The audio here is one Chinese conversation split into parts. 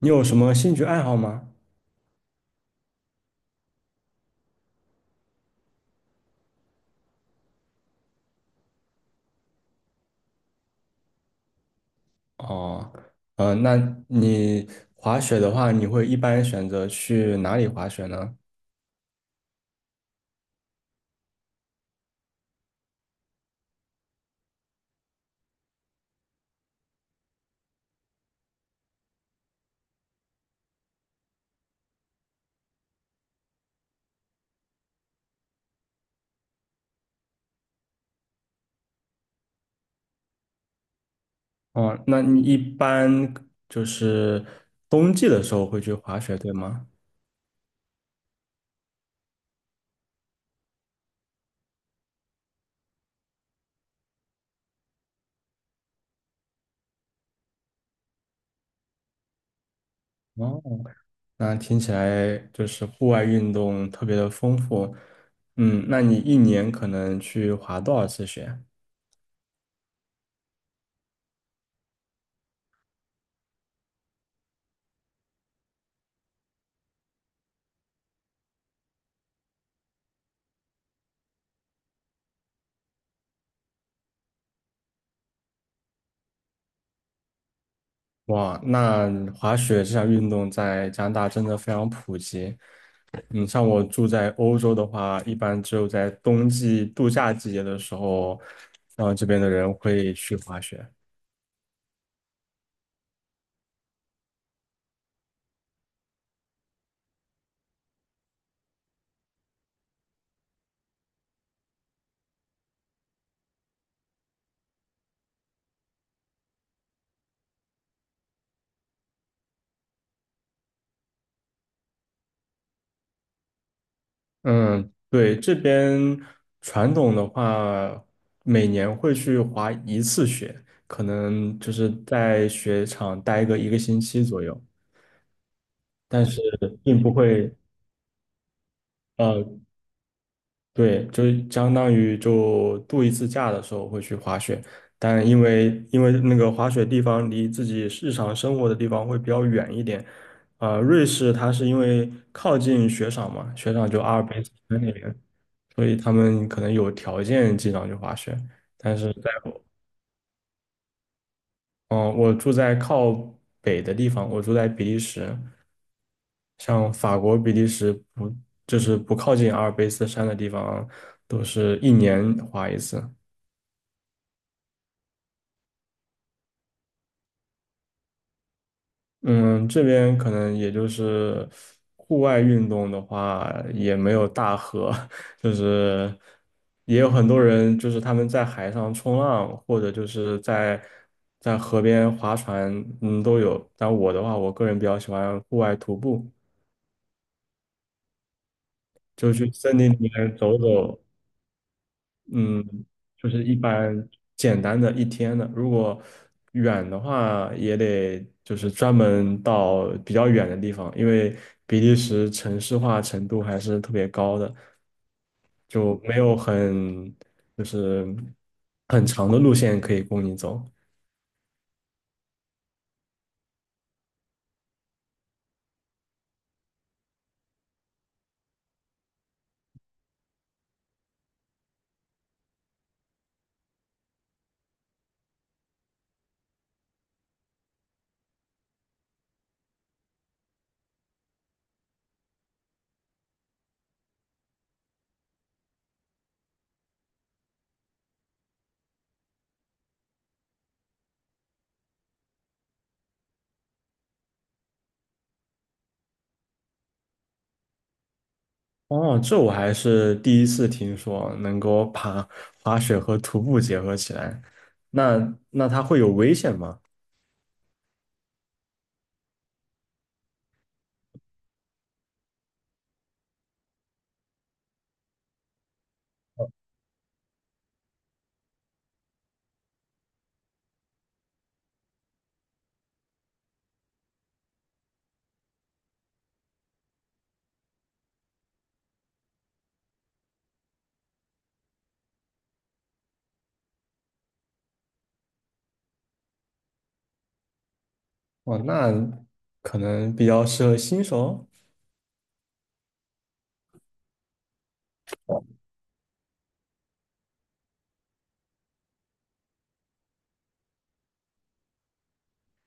你有什么兴趣爱好吗？哦，那你滑雪的话，你会一般选择去哪里滑雪呢？哦，那你一般就是冬季的时候会去滑雪，对吗？哦，那听起来就是户外运动特别的丰富。嗯，那你一年可能去滑多少次雪？哇，那滑雪这项运动在加拿大真的非常普及。嗯，像我住在欧洲的话，一般只有在冬季度假季节的时候，然后这边的人会去滑雪。嗯，对，这边传统的话，每年会去滑一次雪，可能就是在雪场待个一个星期左右，但是并不会。呃。对，就相当于就度一次假的时候会去滑雪，但因为那个滑雪地方离自己日常生活的地方会比较远一点。瑞士它是因为靠近雪场嘛，雪场就阿尔卑斯山那边，所以他们可能有条件经常去滑雪，但是在我，嗯、我住在靠北的地方，我住在比利时，像法国、比利时不就是不靠近阿尔卑斯山的地方，都是一年滑一次。嗯，这边可能也就是户外运动的话，也没有大河，就是也有很多人，就是他们在海上冲浪，或者就是在河边划船。嗯，都有。但我的话，我个人比较喜欢户外徒步，走走。嗯，就是一般简单的一天的。如果远的话，也得就是专门到比较远的地方，因为比利时城市化程度还是特别高的，就没有很就是很长的路线可以供你走。哦，这我还是第一次听说能够把滑雪和徒步结合起来，那它会有危险吗？哦，那可能比较适合新手。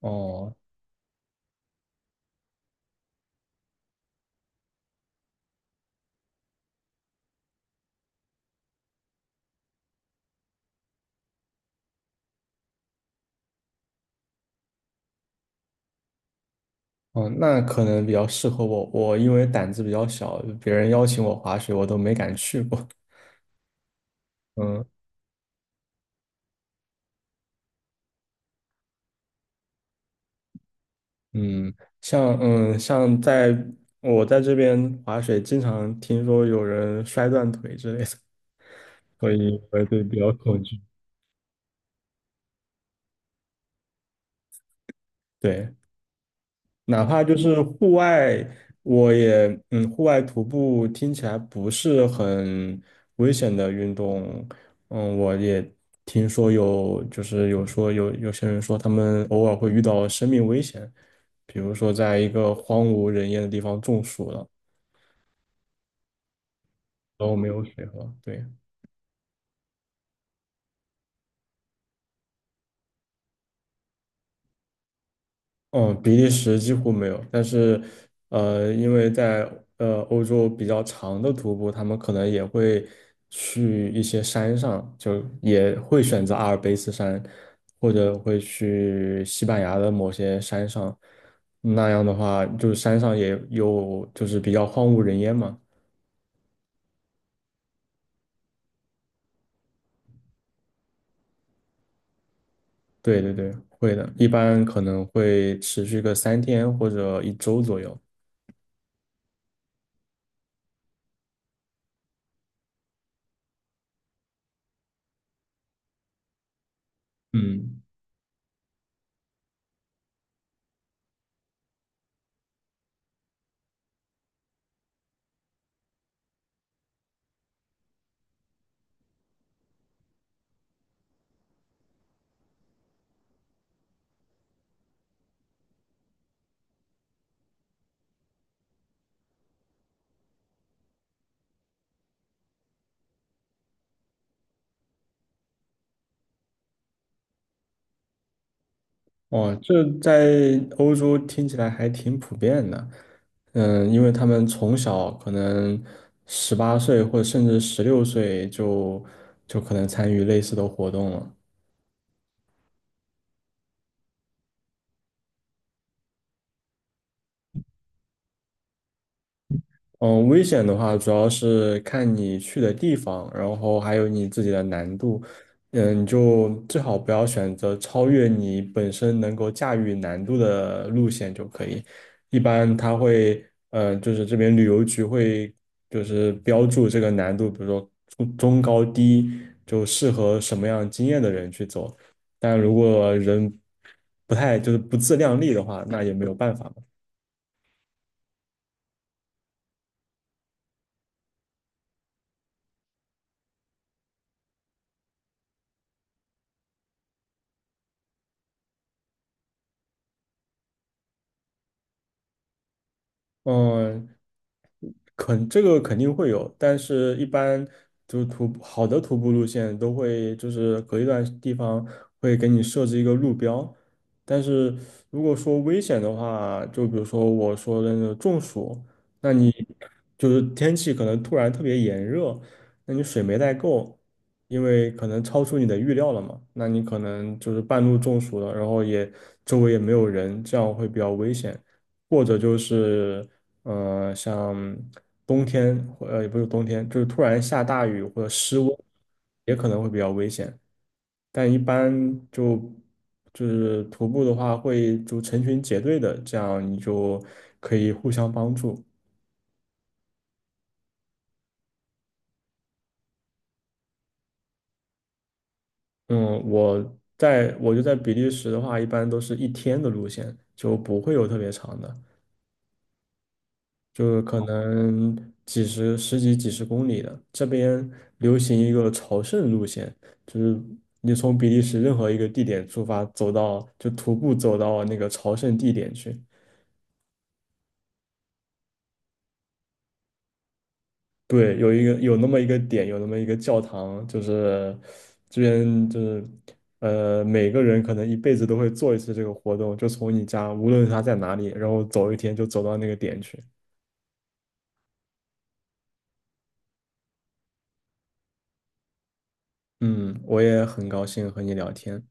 哦哦，那可能比较适合我。我因为胆子比较小，别人邀请我滑雪，我都没敢去过。嗯嗯，像在我在这边滑雪，经常听说有人摔断腿之类的，所以我对比较恐惧。对，哪怕就是户外，我也户外徒步听起来不是很危险的运动。我也听说有，就是有些人说他们偶尔会遇到生命危险，比如说在一个荒无人烟的地方中暑了，然后没有水喝，对。嗯，比利时几乎没有，但是，因为在欧洲比较长的徒步，他们可能也会去一些山上，就也会选择阿尔卑斯山，或者会去西班牙的某些山上。那样的话，就是山上也有就是比较荒无人烟嘛。对对对，会的，一般可能会持续个3天或者一周左右。嗯。哦，这在欧洲听起来还挺普遍的。嗯，因为他们从小可能18岁或者甚至16岁就可能参与类似的活动了。嗯，危险的话主要是看你去的地方，然后还有你自己的难度。嗯，你就最好不要选择超越你本身能够驾驭难度的路线就可以。一般它会，就是这边旅游局会就是标注这个难度，比如说中高低，就适合什么样经验的人去走。但如果人不太就是不自量力的话，那也没有办法嘛。嗯，肯这个肯定会有，但是一般就是徒步好的徒步路线都会就是隔一段地方会给你设置一个路标。但是如果说危险的话，就比如说我说的那个中暑，那你就是天气可能突然特别炎热，那你水没带够，因为可能超出你的预料了嘛，那你可能就是半路中暑了，然后周围也没有人，这样会比较危险。或者就是像冬天，也不是冬天，就是突然下大雨或者失温，也可能会比较危险。但一般就就是徒步的话，会就成群结队的，这样你就可以互相帮助。嗯，我就在比利时的话，一般都是一天的路线，就不会有特别长的。就可能几十、十几、几十公里的。这边流行一个朝圣路线，就是你从比利时任何一个地点出发，就徒步走到那个朝圣地点去。对，有那么一个点，有那么一个教堂，就是这边就是每个人可能一辈子都会做一次这个活动，就从你家，无论他在哪里，然后走一天就走到那个点去。嗯，我也很高兴和你聊天。